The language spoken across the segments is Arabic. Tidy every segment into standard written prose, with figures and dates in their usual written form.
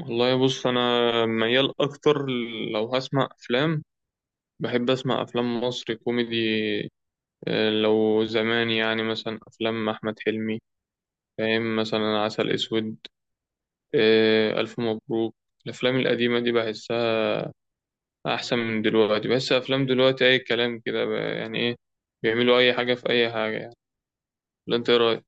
والله بص انا ميال اكتر لو هسمع افلام. بحب اسمع افلام مصري كوميدي. لو زمان يعني مثلا افلام احمد حلمي، فاهم؟ مثلا عسل اسود، الف مبروك. الافلام القديمه دي بحسها احسن من دلوقتي. بحس افلام دلوقتي اي كلام كده يعني ايه، بيعملوا اي حاجه في اي حاجه يعني. ولا انت إيه رايك؟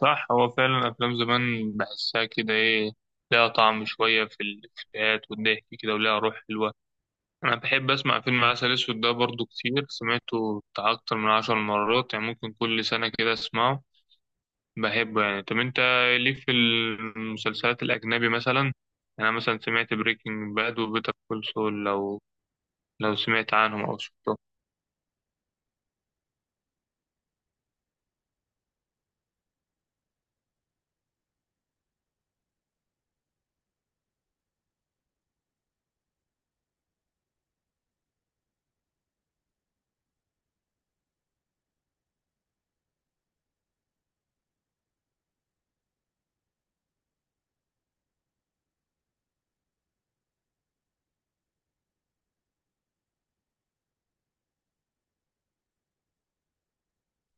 صح، هو فعلا أفلام زمان بحسها كده إيه، لها طعم شوية في الإفيهات والضحك كده ولها روح حلوة. أنا بحب أسمع فيلم عسل أسود ده برضو، كتير سمعته بتاع أكتر من 10 مرات يعني، ممكن كل سنة كده أسمعه، بحبه يعني. طب أنت ليك في المسلسلات الأجنبي مثلا؟ يعني أنا مثلا سمعت بريكنج باد وبيتر كول سول، لو سمعت عنهم أو شفته؟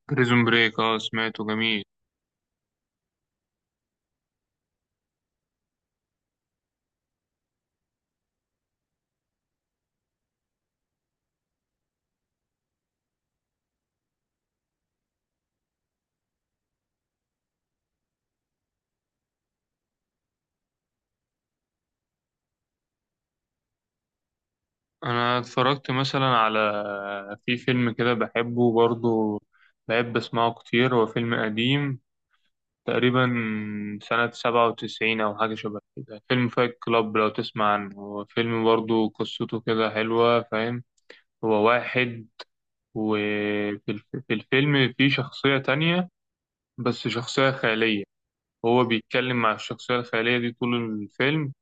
بريزون بريك، أه سمعته جميل. أنا اتفرجت مثلا على، في فيلم كده بحبه برضو، بحب أسمعه كتير. هو فيلم قديم تقريبا سنة 97 أو حاجة شبه كده، فيلم فايت كلاب. لو تسمع عنه، هو فيلم برضه قصته كده حلوة، فاهم؟ هو واحد، في الفيلم في شخصية تانية بس شخصية خيالية. هو بيتكلم مع الشخصية الخيالية دي طول الفيلم،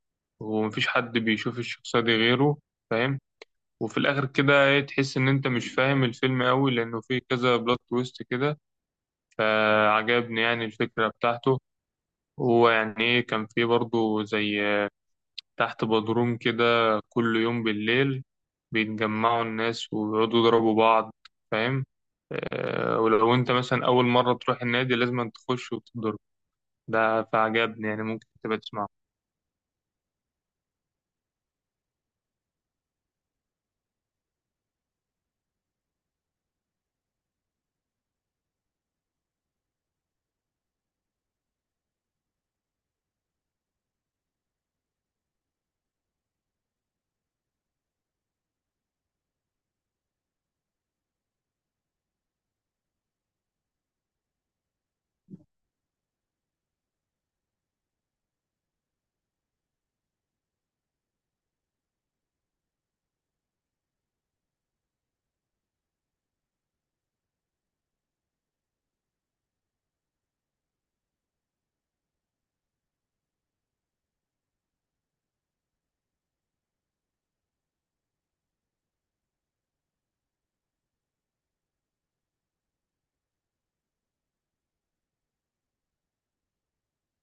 ومفيش حد بيشوف الشخصية دي غيره، فاهم؟ وفي الآخر كده إيه، تحس إن أنت مش فاهم الفيلم أوي، لأنه فيه كذا بلوت تويست كده. فعجبني يعني الفكرة بتاعته. هو يعني ايه، كان في برضه زي تحت بدروم كده، كل يوم بالليل بيتجمعوا الناس ويقعدوا يضربوا بعض، فاهم؟ ولو انت مثلا اول مرة تروح النادي لازم تخش وتضرب. ده فعجبني يعني، ممكن تبقى تسمعه.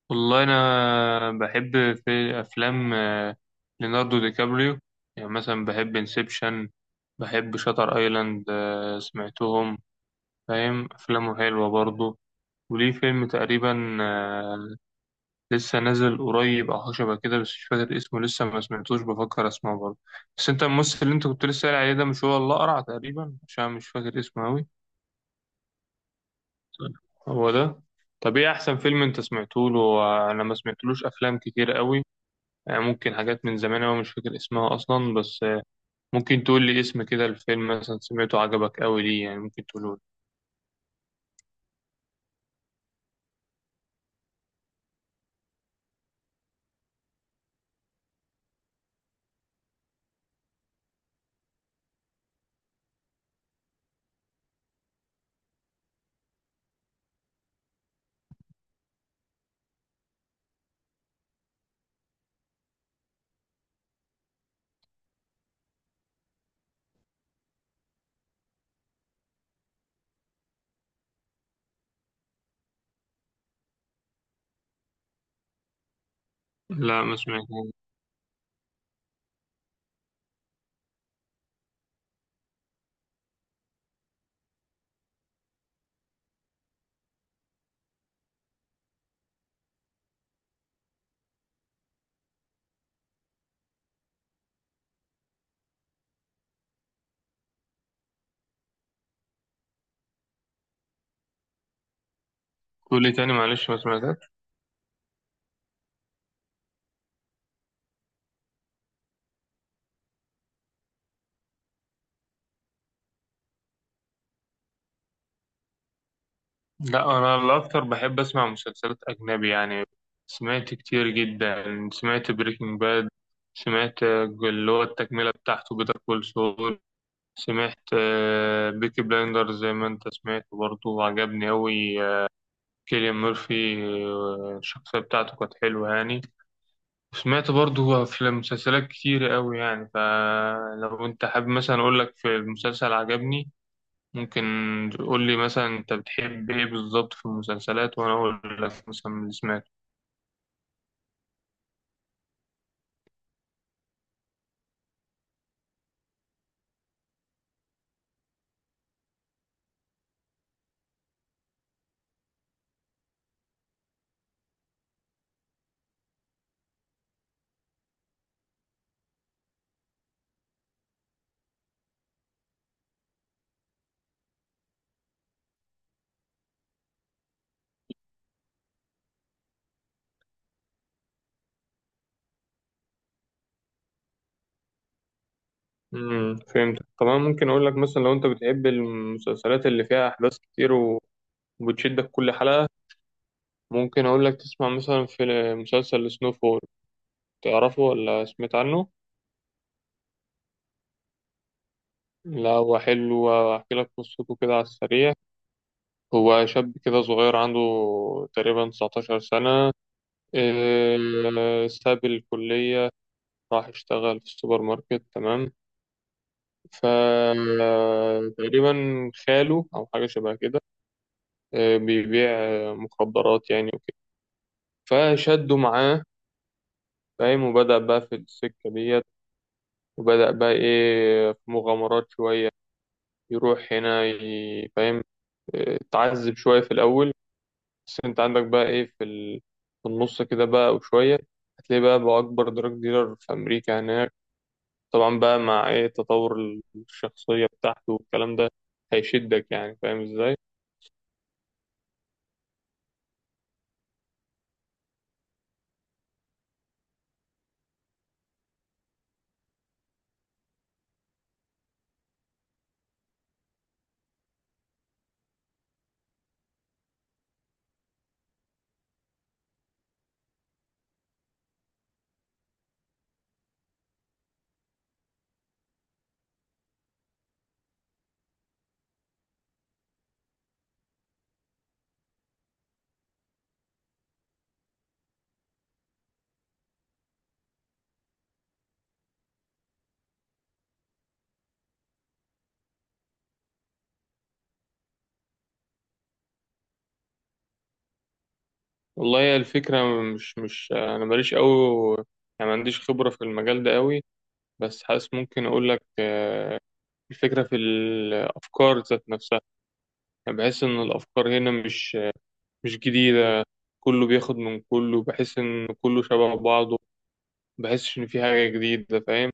والله انا بحب في افلام ليوناردو دي كابريو. يعني مثلا بحب انسبشن، بحب شاتر ايلاند، سمعتهم؟ فاهم، افلامه حلوة برضه. وليه فيلم تقريبا لسه نازل قريب او حاجه شبه كده، بس مش فاكر اسمه، لسه ما سمعتوش، بفكر اسمعه برضه. بس انت الممثل اللي انت كنت لسه قايل عليه ده، مش هو الاقرع تقريبا؟ عشان مش فاكر اسمه قوي. هو ده؟ طب ايه احسن فيلم انت سمعته له؟ انا ما سمعتلوش افلام كتير قوي، يعني ممكن حاجات من زمان أوي مش فاكر اسمها اصلا، بس ممكن تقول لي اسم كده الفيلم مثلا سمعته عجبك قوي ليه، يعني ممكن تقوله لي. لا ما سمعتوش. قول لي تاني معلش، ما سمعتش. لا، انا الاكتر بحب اسمع مسلسلات اجنبي يعني، سمعت كتير جدا. سمعت بريكنج باد، سمعت اللي هو التكمله بتاعته بيتر كول سول، سمعت بيكي بلايندر زي ما انت سمعت برضه وعجبني أوي، كيليان ميرفي، الشخصيه بتاعته كانت حلوه يعني. سمعت برضه في مسلسلات كتير أوي يعني، فلو انت حابب مثلا اقول لك في المسلسل عجبني، ممكن تقول لي مثلا انت بتحب ايه بالظبط في المسلسلات، وانا اقول لك مثلا من اللي سمعته. فهمت. طبعا ممكن اقول لك مثلا، لو انت بتحب المسلسلات اللي فيها احداث كتير وبتشدك كل حلقة، ممكن اقول لك تسمع مثلا في مسلسل سنو فول. تعرفه ولا سمعت عنه؟ لا هو حلو، احكي لك قصته كده على السريع. هو شاب كده صغير عنده تقريبا 19 سنة. إيه، ساب الكلية راح اشتغل في السوبر ماركت، تمام؟ فتقريبا خاله أو حاجة شبه كده، بيبيع مخدرات يعني وكده، فشده معاه، فاهم؟ وبدأ بقى في السكة ديت، وبدأ بقى إيه في مغامرات شوية يروح هنا فاهم؟ تعذب شوية في الأول، بس أنت عندك بقى إيه في في النص كده بقى وشوية هتلاقي بقى أكبر دراج ديلر في أمريكا هناك. طبعا بقى مع إيه تطور الشخصية بتاعته والكلام ده، هيشدك يعني فاهم إزاي؟ والله هي الفكرة، مش أنا ماليش أوي يعني، ما عنديش خبرة في المجال ده أوي، بس حاسس ممكن أقول لك الفكرة في الأفكار ذات نفسها. يعني بحس إن الأفكار هنا مش جديدة. كله بياخد من كله، بحس إن كله شبه بعضه، بحسش إن في حاجة جديدة، فاهم؟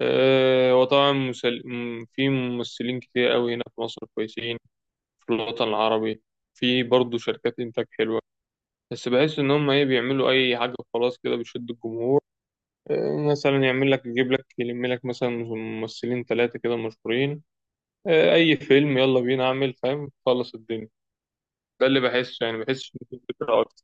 وطبعا في ممثلين كتير أوي هنا في مصر كويسين، في الوطن العربي في برضه شركات إنتاج حلوة، بس بحس إن هم إيه بيعملوا أي حاجة خلاص كده بتشد الجمهور. مثلا يعمل لك يجيب لك يلم لك مثلا ممثلين 3 كده مشهورين، أي فيلم يلا بينا أعمل، فاهم؟ خلص الدنيا. ده اللي بحسه يعني، بحسش إن في فكرة أكتر.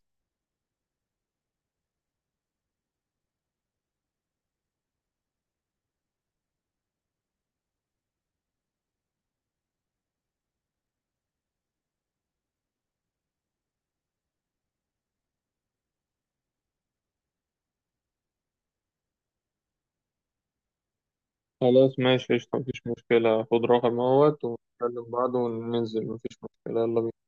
خلاص ماشي قشطة، مفيش مشكلة، خد رقم اهوت ونكلم بعض وننزل، مفيش مشكلة، يلا بينا.